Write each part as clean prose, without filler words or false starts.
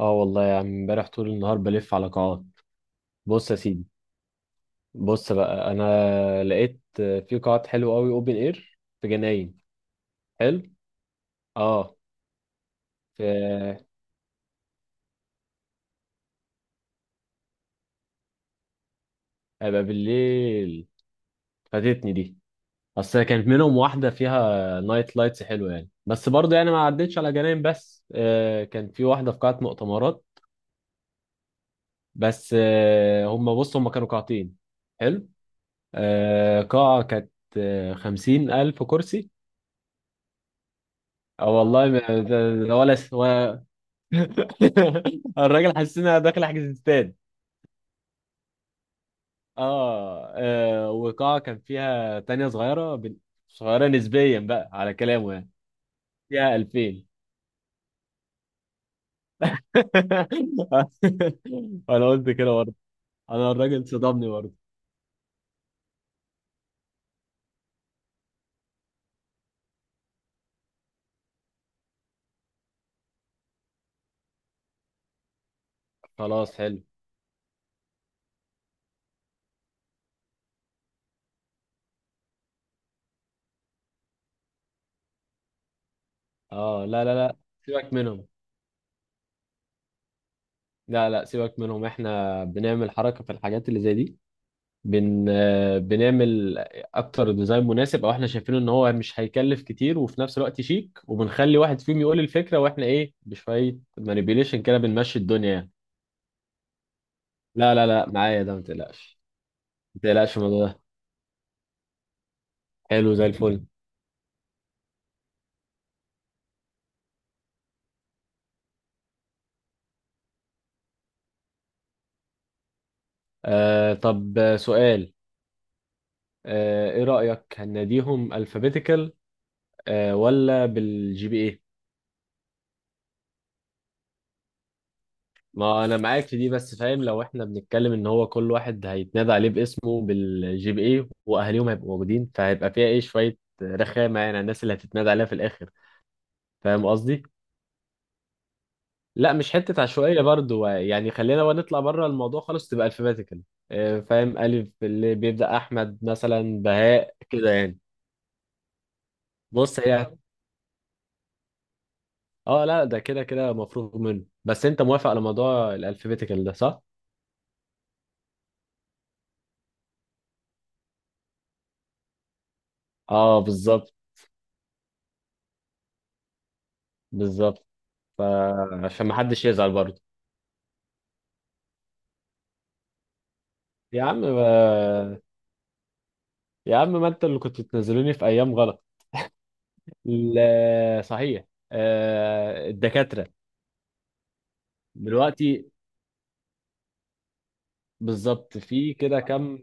اه والله يا عم، امبارح طول النهار بلف على قاعات. بص يا سيدي، بص بقى، انا لقيت في قاعات حلوه قوي اوبن اير في جناين. حلو. اه. في هيبقى بالليل. فاتتني دي، اصل كانت منهم واحده فيها نايت لايتس حلوه يعني، بس برضه يعني ما عدتش على جناين. بس كان في واحده في قاعه مؤتمرات. بس هم، بص هم كانوا قاعتين. حلو. قاعه كانت، خمسين ألف كرسي. اه والله ما- ده- ده ولا الراجل حسينا داخل حجز استاد. اه وقاعة كان فيها تانية صغيرة صغيرة نسبيا بقى على كلامه يعني. فيها 2000. انا قلت كده برضه. انا الراجل صدمني برضه. خلاص حلو. اه لا لا لا، سيبك منهم. لا لا سيبك منهم، احنا بنعمل حركة في الحاجات اللي زي دي. بن آه، بنعمل اكتر ديزاين مناسب او احنا شايفينه ان هو مش هيكلف كتير، وفي نفس الوقت شيك، وبنخلي واحد فيهم يقول الفكره واحنا ايه بشويه مانيبيوليشن كده بنمشي الدنيا يعني. لا لا لا، معايا ده ما تقلقش. ما تقلقش من الموضوع ده. حلو زي الفل. آه طب سؤال. آه ايه رايك، هناديهم الفابيتيكال آه ولا بالجي بي اي؟ ما انا معاك في دي، بس فاهم لو احنا بنتكلم ان هو كل واحد هيتنادى عليه باسمه بالجي بي اي، واهاليهم هيبقوا موجودين، فهيبقى فيها ايه شويه رخامه يعني على الناس اللي هتتنادى عليها في الاخر. فاهم قصدي؟ لا مش حته عشوائيه برضو، يعني خلينا بقى نطلع بره الموضوع خالص، تبقى الفابيتيكال. فاهم، الف اللي بيبدا احمد مثلا، بهاء كده يعني. بص هي. اه لا ده كده كده مفروغ منه، بس انت موافق على موضوع الالفابيتيكال ده صح؟ اه بالظبط. بالظبط. فعشان ما حدش يزعل برضو. يا عم ما... يا عم ما انت اللي كنت بتنزلوني في ايام غلط. لا صحيح. الدكاترة. دلوقتي بالظبط في كده كم؟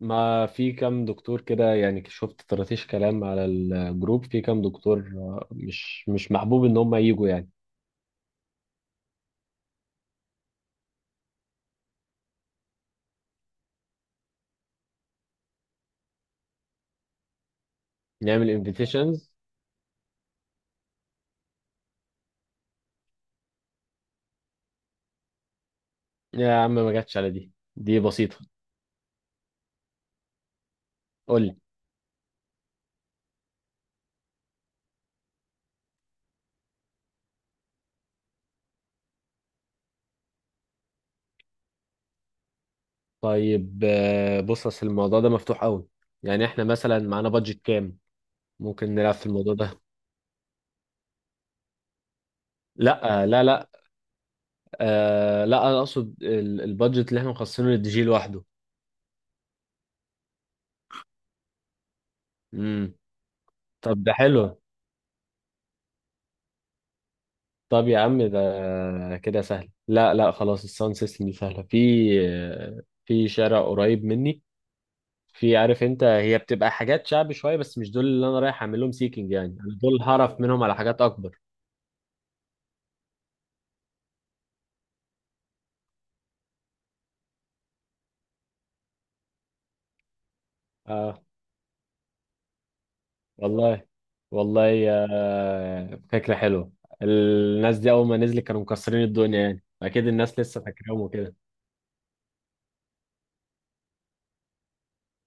ما في كم دكتور كده يعني، شفت طرطيش كلام على الجروب، في كم دكتور مش مش محبوب ان هم يجوا يعني. نعمل انفيتيشنز. يا عم ما جاتش على دي، دي بسيطة. قول لي. طيب بص، اصل الموضوع ده مفتوح قوي. يعني احنا مثلا معانا بادجت كام، ممكن نلعب في الموضوع ده. لا لا لا، آه لا انا اقصد البادجت اللي احنا مخصصينه للدي جي لوحده. امم. طب ده حلو. طب يا عم ده كده سهل. لا لا خلاص، الساوند سيستم دي سهله. في في شارع قريب مني، في، عارف انت، هي بتبقى حاجات شعبي شويه، بس مش دول اللي انا رايح اعمل لهم سيكينج يعني، انا دول هعرف منهم على حاجات اكبر. اه والله. والله آه فكره حلوه. الناس دي اول ما نزلت كانوا مكسرين الدنيا يعني، اكيد الناس لسه فاكراهم وكده.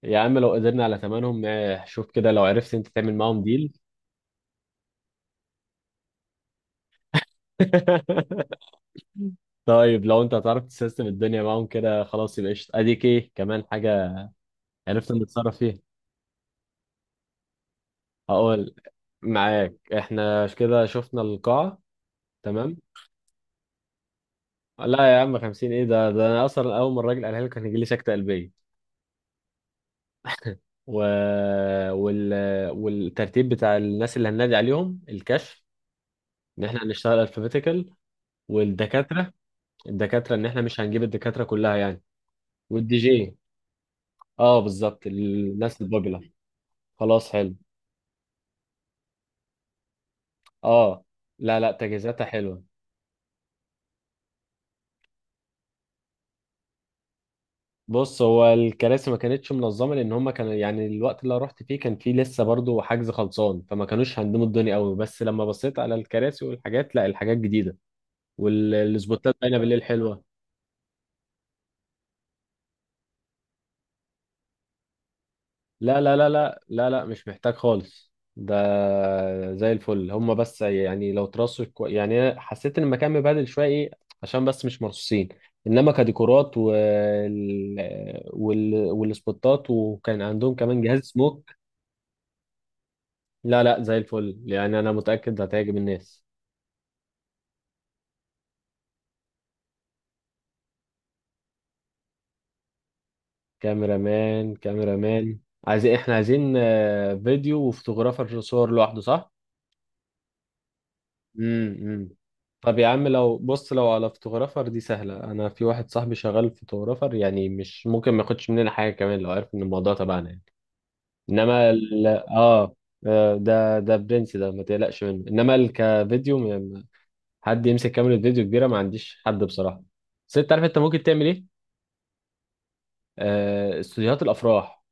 يا عم لو قدرنا على ثمنهم شوف كده لو عرفت انت تعمل معاهم ديل. طيب لو انت هتعرف تسيستم الدنيا معاهم كده، خلاص يبقى قشطة. اديك ايه كمان حاجة؟ عرفت نتصرف فيها. هقول. معاك. احنا كده شفنا القاعة. تمام. لا يا عم، 50 ايه ده، ده انا اصلا اول ما الراجل قالها لي كان يجي لي سكتة قلبية. و... وال... والترتيب بتاع الناس اللي هننادي عليهم الكشف، ان احنا هنشتغل الفابيتيكال. والدكاترة، الدكاترة ان احنا مش هنجيب الدكاترة كلها يعني. والدي جي، اه بالظبط الناس الباجلة. خلاص حلو. اه لا لا، تجهيزاتها حلوة. بص هو الكراسي ما كانتش منظمة، لأن هما كانوا يعني الوقت اللي أنا رحت فيه كان فيه لسه برضو حجز خلصان، فما كانوش هندموا الدنيا قوي، بس لما بصيت على الكراسي والحاجات، لا الحاجات جديدة. والسبوتات باينة بالليل حلوة. لا لا لا لا لا لا مش محتاج خالص ده، زي الفل. هما بس يعني لو ترصوا يعني أنا حسيت ان المكان مبهدل شويه ايه، عشان بس مش مرصوصين. انما كديكورات والسبوتات، وكان عندهم كمان جهاز سموك. لا لا زي الفل يعني، انا متاكد هتعجب الناس. كاميرا مان. كاميرا مان. عايزين، احنا عايزين فيديو وفوتوغرافر صور لوحده، صح؟ امم. طب يا عم لو بص، لو على فوتوغرافر دي سهلة، أنا في واحد صاحبي شغال فوتوغرافر، يعني مش ممكن ما ياخدش مننا حاجة كمان لو عرف إن الموضوع تبعنا يعني. إنما ال آه آه، ده ده برنس ده ما تقلقش منه. إنما ال- كفيديو م- حد يمسك كاميرا فيديو كبيرة ما عنديش حد بصراحة. بس أنت عارف أنت ممكن تعمل إيه؟ استوديوهات الأفراح.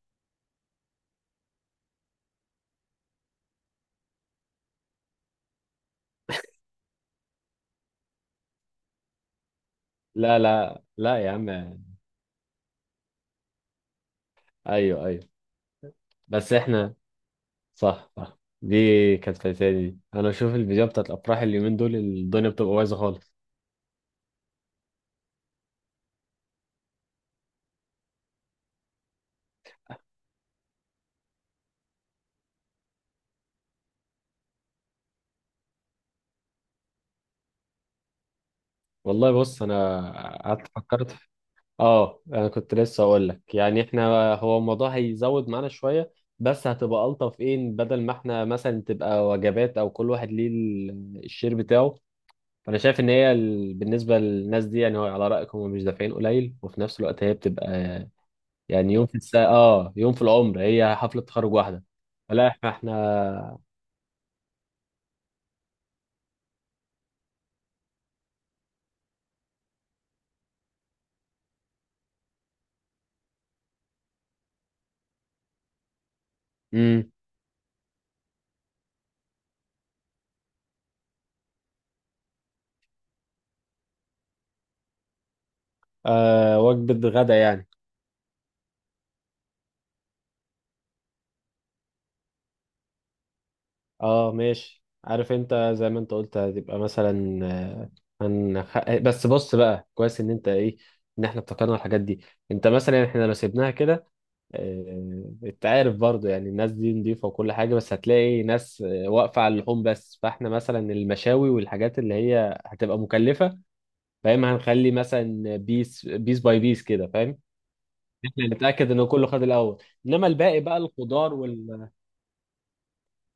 لا لا لا يا عم. أيوه أيوه. بس إحنا، صح صح دي كانت فايتاني، دي انا بشوف الفيديوهات بتاعت الافراح اليومين دول الدنيا بتبقى بايظه خالص. والله بص انا قعدت فكرت في- اه انا كنت لسه اقول لك يعني، احنا هو الموضوع هيزود معانا شويه، بس هتبقى الطف ايه بدل ما احنا مثلا تبقى وجبات او كل واحد ليه الشير بتاعه. فانا شايف ان بالنسبه للناس دي يعني، هو على رايكم هم مش دافعين قليل، وفي نفس الوقت هي بتبقى يعني يوم في الساعه، اه يوم في العمر، هي حفله تخرج واحده. فلا احنا، احنا. مم. آه وجبة غدا يعني. اه ماشي، عارف انت زي ما انت قلت هتبقى مثلا، بس بص بقى، كويس ان انت ايه ان احنا افتكرنا الحاجات دي. انت مثلا احنا لو سيبناها كده، آه انت عارف برضو يعني الناس دي نضيفة وكل حاجة، بس هتلاقي ناس واقفة على اللحوم بس، فاحنا مثلا المشاوي والحاجات اللي هي هتبقى مكلفة. فاهم، هنخلي مثلا بيس بيس باي بيس كده فاهم. احنا نتأكد ان كله خد الاول، انما الباقي بقى الخضار.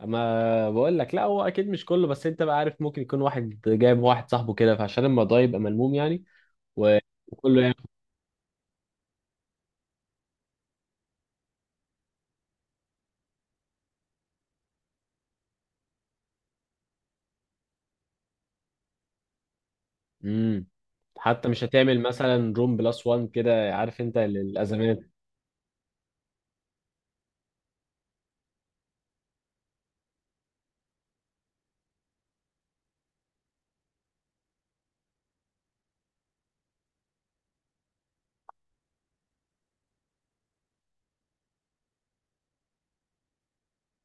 ما بقول لك لا هو اكيد مش كله، بس انت بقى عارف ممكن يكون واحد جايب واحد صاحبه كده، فعشان الموضوع يبقى ملموم يعني. و- وكله ياخد. امم. حتى مش هتعمل مثلا روم بلس وان كده، عارف انت، للازمات.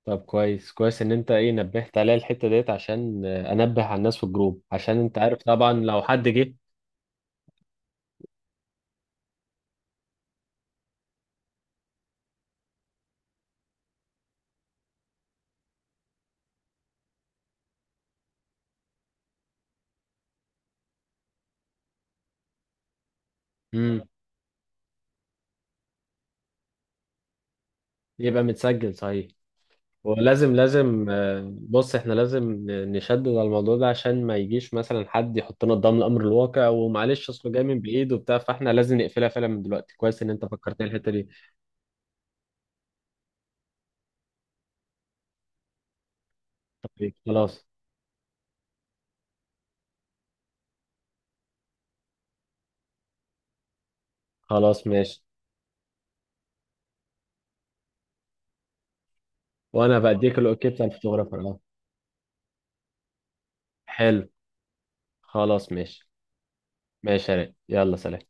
طب كويس كويس ان انت ايه نبهت عليا الحته ديت، عشان انبه على الناس في الجروب، عشان انت عارف طبعا لو حد جه. امم. يبقى متسجل صحيح. ولازم لازم بص احنا لازم نشدد على الموضوع ده، عشان ما يجيش مثلا حد يحطنا قدام الامر الواقع ومعلش اصله جاي من بعيد وبتاع، فاحنا لازم نقفلها فعلا من دلوقتي. كويس ان انت فكرتني الحته دي. طيب خلاص. خلاص ماشي. وانا بديك الاوكي بتاع الفوتوغرافر اه. حلو. خلاص ماشي. ماشي يا ريت، يلا سلام.